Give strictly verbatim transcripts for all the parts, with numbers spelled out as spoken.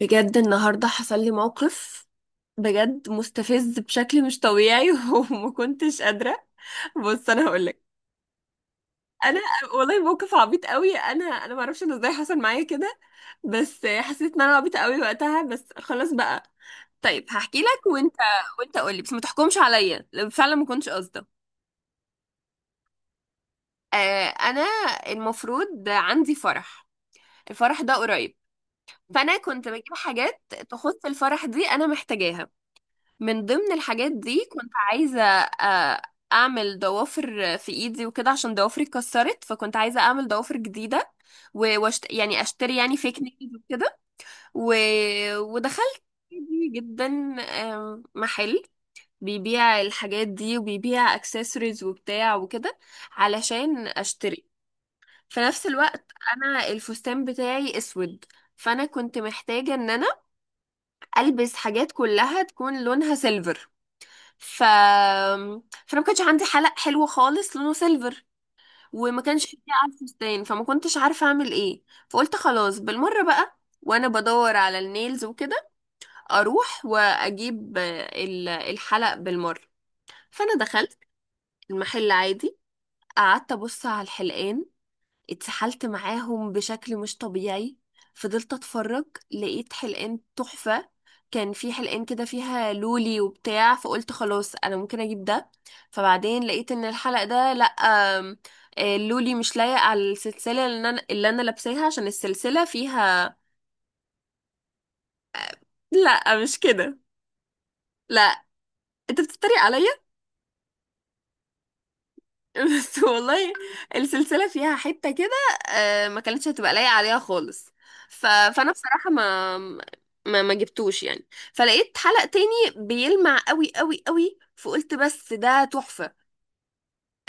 بجد النهاردة حصل لي موقف بجد مستفز بشكل مش طبيعي وما كنتش قادرة. بص انا هقولك. انا والله موقف عبيط قوي. انا انا ما اعرفش انه ازاي حصل معايا كده، بس حسيت ان انا عبيطة قوي وقتها، بس خلاص بقى. طيب هحكي لك. وانت وانت قولي بس ما تحكمش عليا لو فعلا ما كنتش قصده. آه انا المفروض عندي فرح. الفرح ده قريب، فانا كنت بجيب حاجات تخص الفرح دي انا محتاجاها. من ضمن الحاجات دي كنت عايزة، آه، أعمل ضوافر في إيدي وكده عشان ضوافري اتكسرت، فكنت عايزة أعمل ضوافر جديدة و- واشت... يعني أشتري يعني فيك نيلز وكده و... ودخلت عادي جدا، آم، محل بيبيع الحاجات دي وبيبيع اكسسوارز وبتاع وكده علشان أشتري. في نفس الوقت أنا الفستان بتاعي أسود، فأنا كنت محتاجة إن أنا ألبس حاجات كلها تكون لونها سيلفر. ف فانا ما كانش عندي حلق حلو خالص لونه سيلفر وما كانش فيه على الفستان، فما كنتش عارفه اعمل ايه. فقلت خلاص بالمره بقى، وانا بدور على النيلز وكده اروح واجيب، آه، ال- الحلق بالمره. فانا دخلت المحل عادي، قعدت ابص على الحلقان، اتسحلت معاهم بشكل مش طبيعي، فضلت اتفرج. لقيت حلقان تحفة. كان في حلقان كده فيها لولي وبتاع، فقلت خلاص انا ممكن اجيب ده. فبعدين لقيت ان الحلقة ده لا، آم، آه، اللولي مش لايق على السلسلة اللي انا اللي انا لابساها عشان السلسلة فيها. لا مش كده، لا، انت بتتريق عليا. بس والله السلسلة فيها حتة كده، آه، ما كانتش هتبقى لايقة عليها خالص. ف... فأنا بصراحة ما ما ما جبتوش يعني. فلقيت حلقة تاني بيلمع قوي قوي قوي، فقلت بس ده تحفة.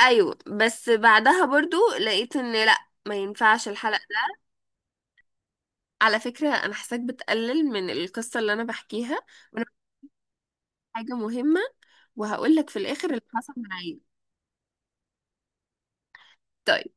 أيوة، بس بعدها برضو لقيت إن لأ، ما ينفعش الحلقة ده. على فكرة أنا حاساك بتقلل من القصة اللي أنا بحكيها، وأنا حاجة مهمة وهقولك في الآخر اللي حصل معايا. طيب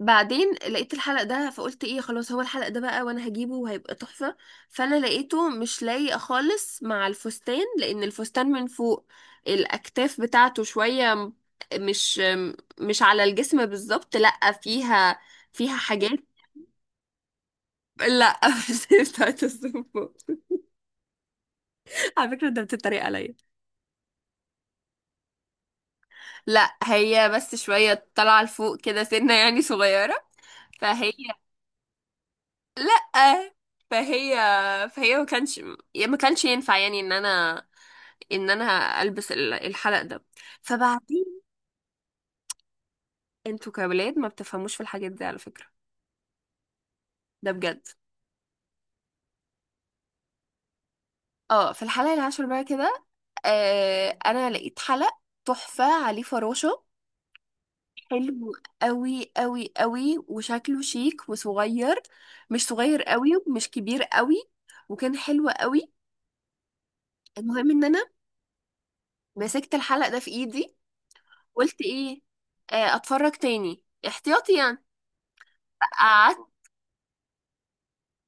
بعدين لقيت الحلق ده، فقلت ايه خلاص هو الحلق ده بقى، وانا هجيبه وهيبقى تحفة. فانا لقيته مش لايق خالص مع الفستان، لان الفستان من فوق الاكتاف بتاعته شوية م- مش م- مش على الجسم بالظبط، لا فيها فيها حاجات. لا مش بتاعت السم فوق. على فكرة انت بتتريق عليا. لا هي بس شوية طالعة لفوق كده سنة يعني صغيرة. فهي لأ فهي فهي ما كانش، يا ما كانش ينفع يعني ان انا ان انا البس ال- الحلق ده. فبعدين انتوا كولاد ما بتفهموش في الحاجات دي على فكرة، ده بجد. اه في الحلقة العاشر بقى كده، آه انا لقيت حلق تحفة عليه فراشة، حلو قوي قوي قوي، وشكله شيك وصغير، مش صغير قوي ومش كبير قوي، وكان حلو قوي. المهم ان انا مسكت الحلق ده في ايدي. قلت ايه، آه، اتفرج تاني احتياطي يعني. قعدت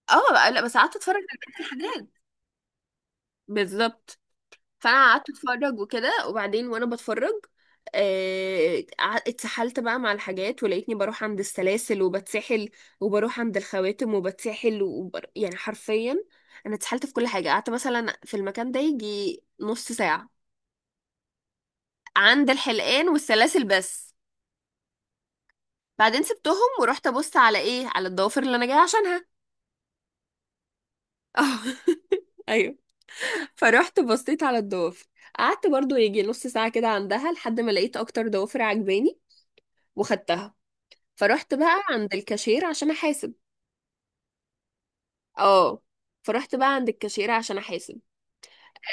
اه بقى- لا بس قعدت اتفرج على بقية الحاجات، بالظبط. فانا قعدت اتفرج وكده، وبعدين وانا بتفرج آه، قع- اتسحلت بقى مع الحاجات، ولقيتني بروح عند السلاسل وبتسحل، وبروح عند الخواتم وبتسحل وبر... يعني حرفيا انا اتسحلت في كل حاجة. قعدت مثلا في المكان ده يجي نص ساعة عند الحلقان والسلاسل بس. بعدين سبتهم ورحت ابص على ايه، على الضوافر اللي انا جايه عشانها. اه ايوه. فروحت بصيت على الضوافر، قعدت برضو يجي نص ساعة كده عندها، لحد ما لقيت اكتر ضوافر عجباني وخدتها. فرحت بقى عند الكاشير عشان احاسب. اه فرحت بقى عند الكاشير عشان احاسب.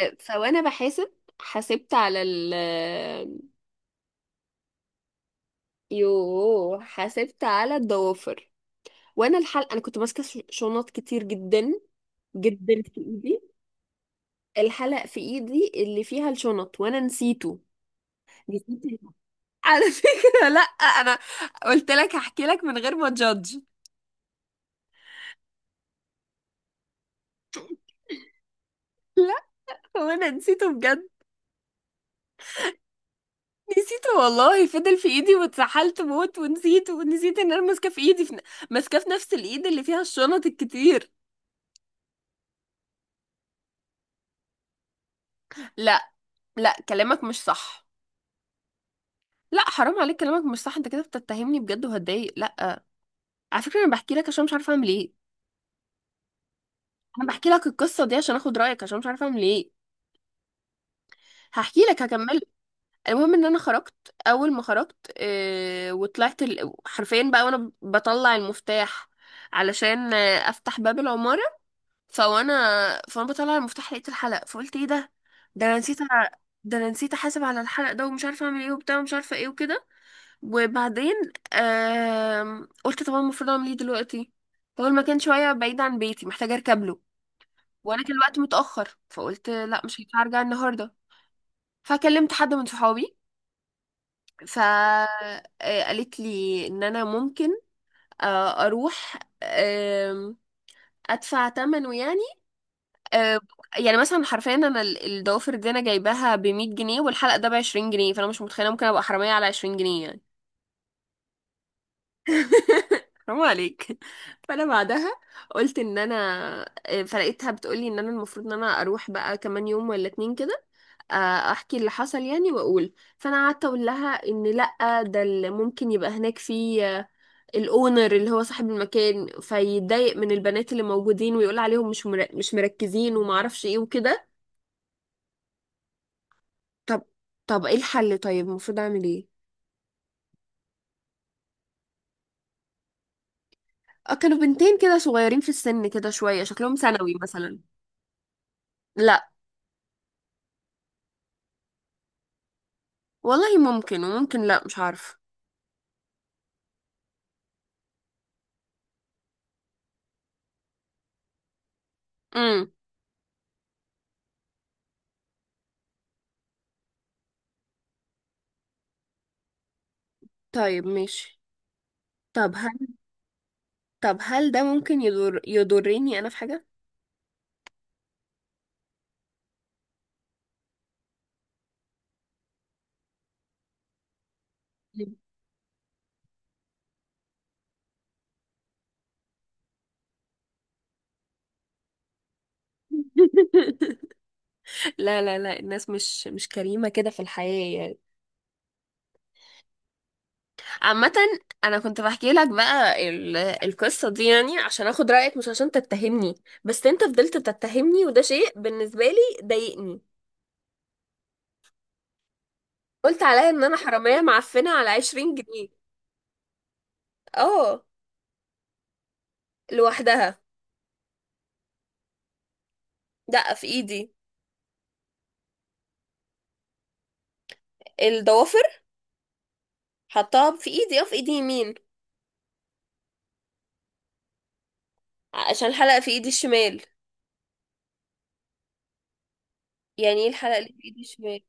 آه، فوانا بحاسب، حاسبت على ال آه، يوه حاسبت على الضوافر، وانا الحلقة انا كنت ماسكة ش- شنط كتير جدا جدا في ايدي. الحلق في ايدي اللي فيها الشنط وانا نسيته، نسيت. على فكرة لا انا قلت لك هحكي لك من غير ما تجادج. لا هو انا نسيته بجد. نسيته والله، فضل في ايدي واتسحلت موت ونسيته ونسيت ان انا ماسكاه في ايدي في... ن- ماسكاه في نفس الايد اللي فيها الشنط الكتير. لا، لا كلامك مش صح. لا حرام عليك، كلامك مش صح. انت كده بتتهمني بجد وهتضايق، لا. على فكرة انا بحكي لك عشان مش عارفة اعمل ايه. انا بحكي لك القصة دي عشان اخد رأيك، عشان مش عارفة اعمل ايه. هحكي لك، هكمل. المهم ان انا خرجت. اول ما خرجت، آه، وطلعت ال- حرفيا بقى وانا بطلع المفتاح علشان آه، افتح باب العمارة، فوانا فانا بطلع المفتاح لقيت الحلق، فقلت ايه ده، ده انا نسيت أ- ده انا نسيت احاسب على الحلق ده، ومش عارفه اعمل ايه وبتاع، ومش عارفه ايه وكده. وبعدين آم، قلت طب أنا المفروض اعمل ايه دلوقتي. هو المكان شويه بعيد عن بيتي محتاجه اركب له، وانا كان الوقت متاخر، فقلت لا مش هينفع ارجع النهارده. فكلمت حد من صحابي، فقالت لي ان انا ممكن آه، اروح آم، ادفع ثمنه يعني. آه، يعني مثلا حرفيا انا ال- الضوافر دي انا جايباها ب مية جنيه، والحلقه ده ب عشرين جنيه، فانا مش متخيله ممكن ابقى حراميه على عشرين جنيه يعني. حرام عليك. فانا بعدها قلت ان انا، آه، فلقيتها بتقولي ان انا المفروض ان انا اروح بقى كمان يوم ولا اتنين كده، آه، احكي اللي حصل يعني واقول. فانا قعدت اقول لها ان لا، ده اللي ممكن يبقى هناك في، آه، الاونر اللي هو صاحب المكان فيتضايق من البنات اللي موجودين، ويقول عليهم مش مر... مش مركزين وما اعرفش ايه وكده. طب طب ايه الحل، طيب المفروض اعمل ايه. آه، كانوا بنتين كده صغيرين في السن، كده شوية شكلهم ثانوي مثلا. لا والله ممكن، وممكن لا، مش عارفه. امم طيب ماشي. طب هل طب هل ده ممكن يضر يضرني انا في حاجة. لا لا لا الناس مش مش كريمة كده في الحياة يعني، عامة. أنا كنت بحكي لك بقى ال... القصة دي يعني عشان أخد رأيك، مش عشان تتهمني. بس أنت فضلت تتهمني، وده شيء بالنسبة لي ضايقني. قلت عليا إن أنا حرامية معفنة على عشرين جنيه. اه لوحدها. دقة في إيدي. الضوافر حطها في إيدي، اه في إيدي يمين. عشان الحلقة في إيدي الشمال. يعني إيه الحلقة اللي في إيدي الشمال.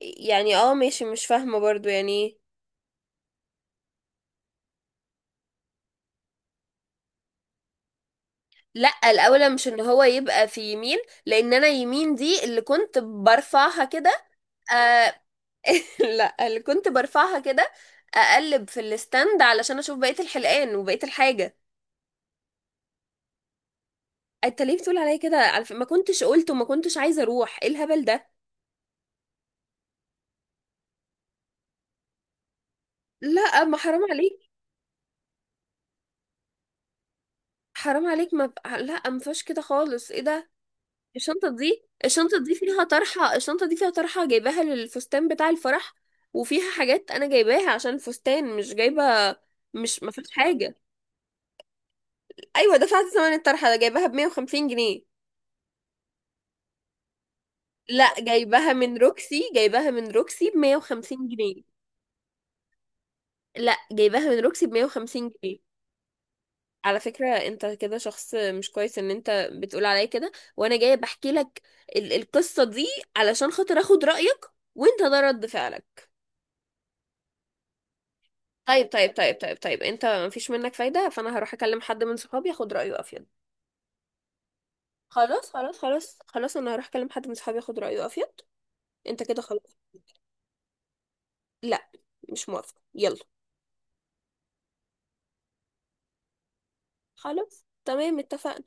يعني اه ماشي، مش فاهمة برضو يعني إيه. لا الاولى مش ان هو يبقى في يمين، لان انا يمين دي اللي كنت برفعها كده. آه لا اللي كنت برفعها كده اقلب في الستاند علشان اشوف بقية الحلقان وبقية الحاجة. انت ليه بتقول عليا كده، على ف- ما كنتش قلت وما كنتش عايزة اروح ايه الهبل ده. لا ما حرام عليك. حرام عليك ما ب... لا ما فيهاش كده خالص، ايه ده. الشنطة دي الشنطة دي فيها طرحة. الشنطة دي فيها طرحة جايباها للفستان بتاع الفرح، وفيها حاجات انا جايباها عشان الفستان، مش جايبة، مش ما فيهاش حاجة. ايوه دفعت ثمن الطرحة، ده جايباها ب مية وخمسين جنيه. لا جايباها من روكسي، جايباها من روكسي ب مية وخمسين جنيه. لا جايباها من روكسي ب مئة وخمسين جنيه. على فكرة انت كده شخص مش كويس، ان انت بتقول عليا كده وانا جاية بحكي لك ال- القصة دي علشان خاطر اخد رأيك، وانت ده رد فعلك. طيب طيب طيب طيب طيب انت مفيش منك فايدة، فانا هروح اكلم حد من صحابي اخد رأيه افيد. خلاص خلاص خلاص خلاص انا هروح اكلم حد من صحابي اخد رأيه افيد. انت كده خلاص. لا مش موافقة، يلا. خلاص تمام اتفقنا.